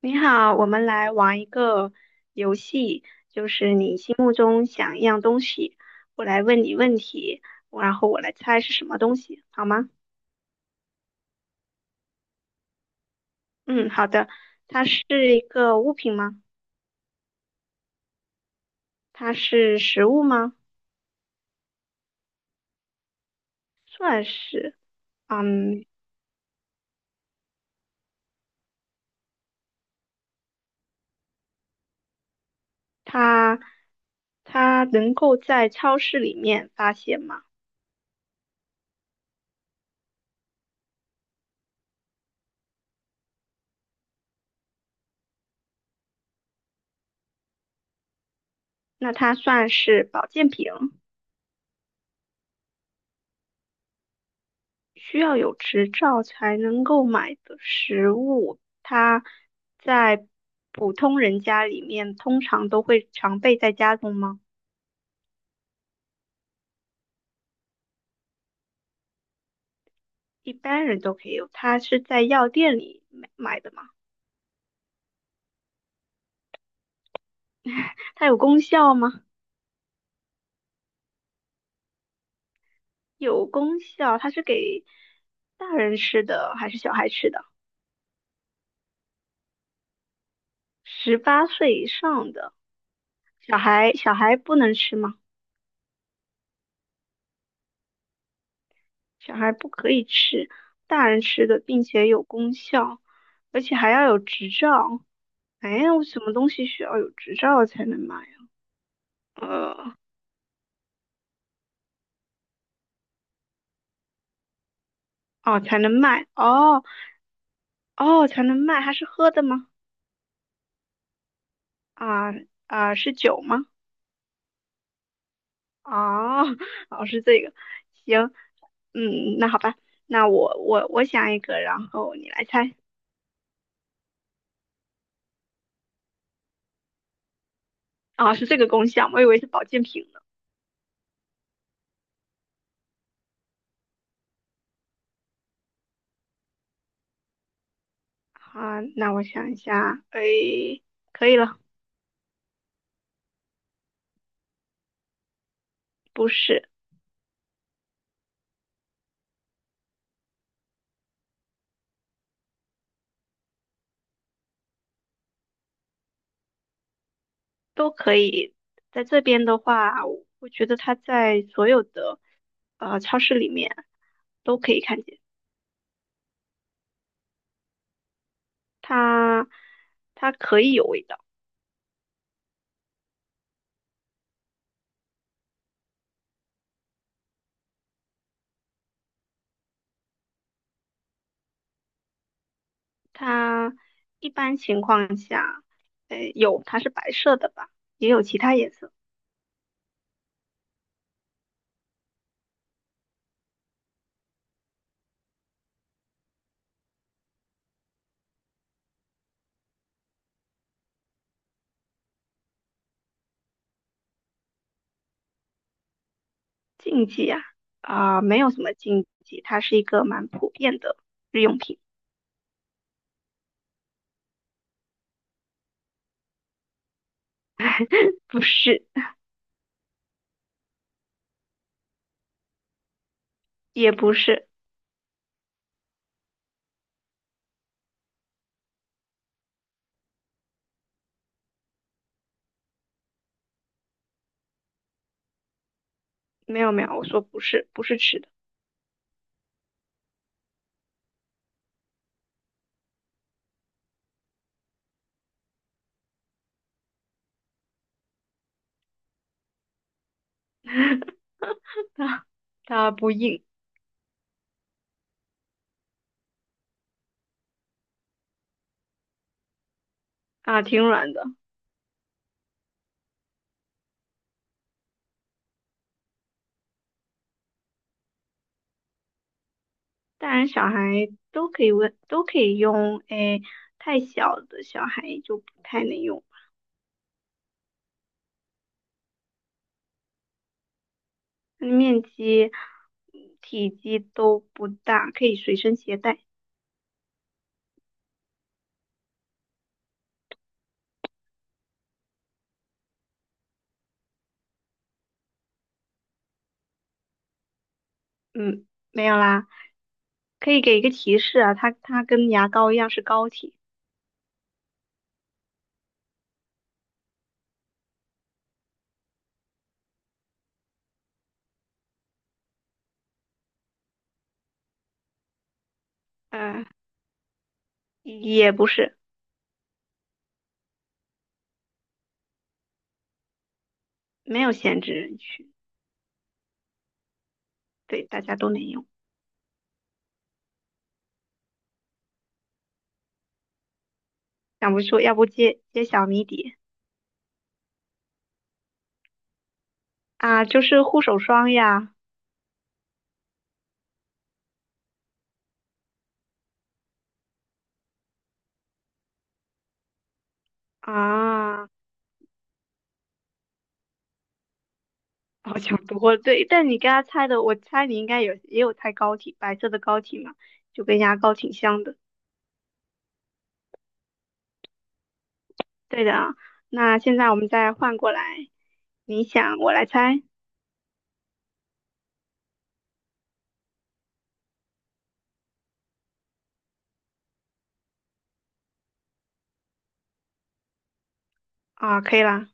你好，我们来玩一个游戏，中想一样东西，我来问你问题，然后我来猜是什么东西，好吗？嗯，好的。它是一个物品吗？它是食物吗？算是。嗯，它它能够在超市里面发现吗？那它算是保健品？需要有执照才能购买的食物，它在普通人家里面通常都会常备在家中吗？一般人都可以有，它是在药店里买的吗？它有功效吗？有功效，它是给大人吃的还是小孩吃的？十八岁以上的小孩，小孩不能吃吗？小孩不可以吃大人吃的，并且有功效，而且还要有执照。哎，我什么东西需要有执照才能卖呀？呃，哦，才能卖，哦哦，才能卖，它是喝的吗？啊啊，是酒吗？哦，哦，是这个，行，嗯，那好吧，那我想一个，然后你来猜。啊，是这个功效，我以为是保健品呢。啊，那我想一下，哎，可以了，不是。都可以。在这边的话，我觉得它在所有的超市里面都可以看见，它它可以有味道，它一般情况下，有它是白色的吧，也有其他颜色。禁忌啊啊、没有什么禁忌，它是一个蛮普遍的日用品，不是也不是，没有没有，我说不是不是吃的，它它不硬啊，挺软的。大人小孩都可以问，都可以用。哎，太小的小孩就不太能用，它的面积、嗯体积都不大，可以随身携带。嗯，没有啦，可以给一个提示啊，它跟牙膏一样是膏体，嗯、也不是，没有限制人群，对，大家都能用。想不出，要不揭晓谜底啊，就是护手霜呀，啊。好像不过对，但你刚才猜的，我猜你应该有也有猜膏体，白色的膏体嘛，就跟牙膏挺像的。对的啊，那现在我们再换过来，你想我来猜啊，可以啦，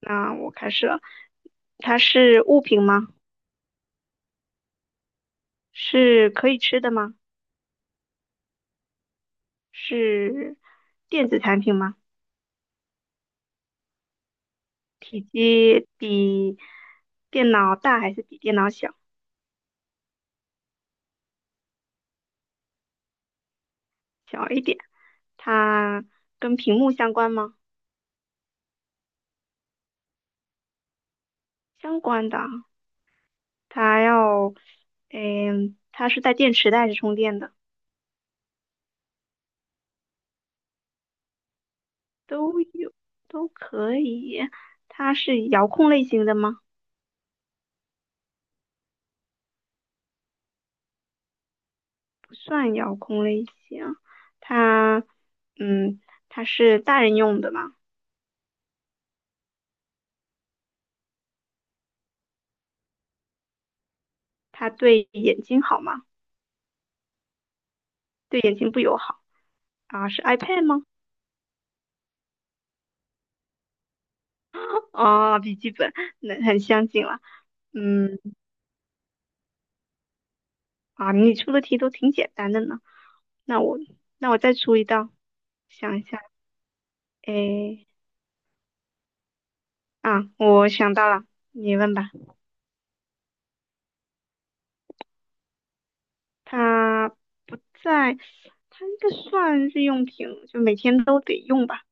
那我开始了。它是物品吗？是可以吃的吗？是电子产品吗？体积比电脑大还是比电脑小？小一点。它跟屏幕相关吗？相关的啊。它要，嗯，它是在电池袋是充电的，都有，都可以。它是遥控类型的吗？不算遥控类型，它，嗯，它是大人用的嘛？它对眼睛好吗？对眼睛不友好啊？是 iPad 吗？哦，笔记本，那很相近了。嗯，啊，你出的题都挺简单的呢。那我，那我再出一道，想一下，诶。啊，我想到了，你问吧。它不在，它应该算日用品，就每天都得用吧。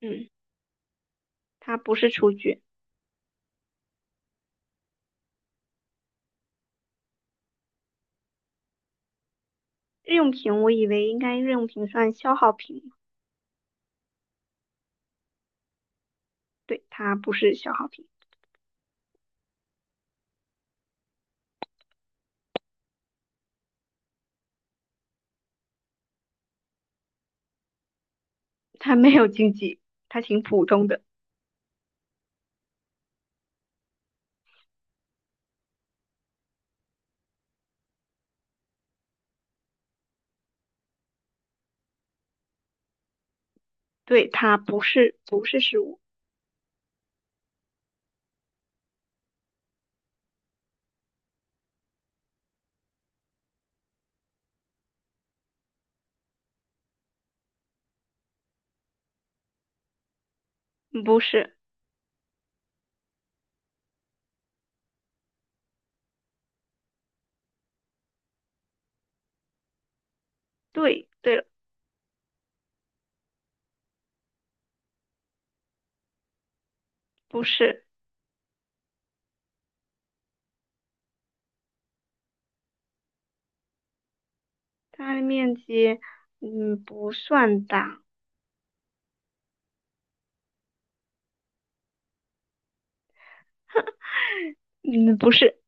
嗯，它不是厨具，日用品我以为应该日用品算消耗品，对，它不是消耗品，它没有经济，它挺普通的。对，它不是不是食物，不是。对，对了，不是，它的面积嗯不算大，嗯不是。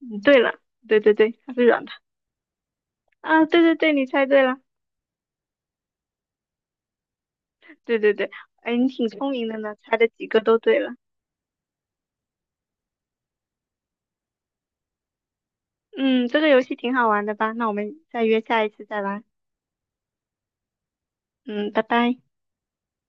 嗯对了，对对对，它是软的啊，对对对，你猜对了。对对对，哎，你挺聪明的呢，猜的几个都对了。嗯，这个游戏挺好玩的吧？那我们再约下一次再玩。嗯，拜拜。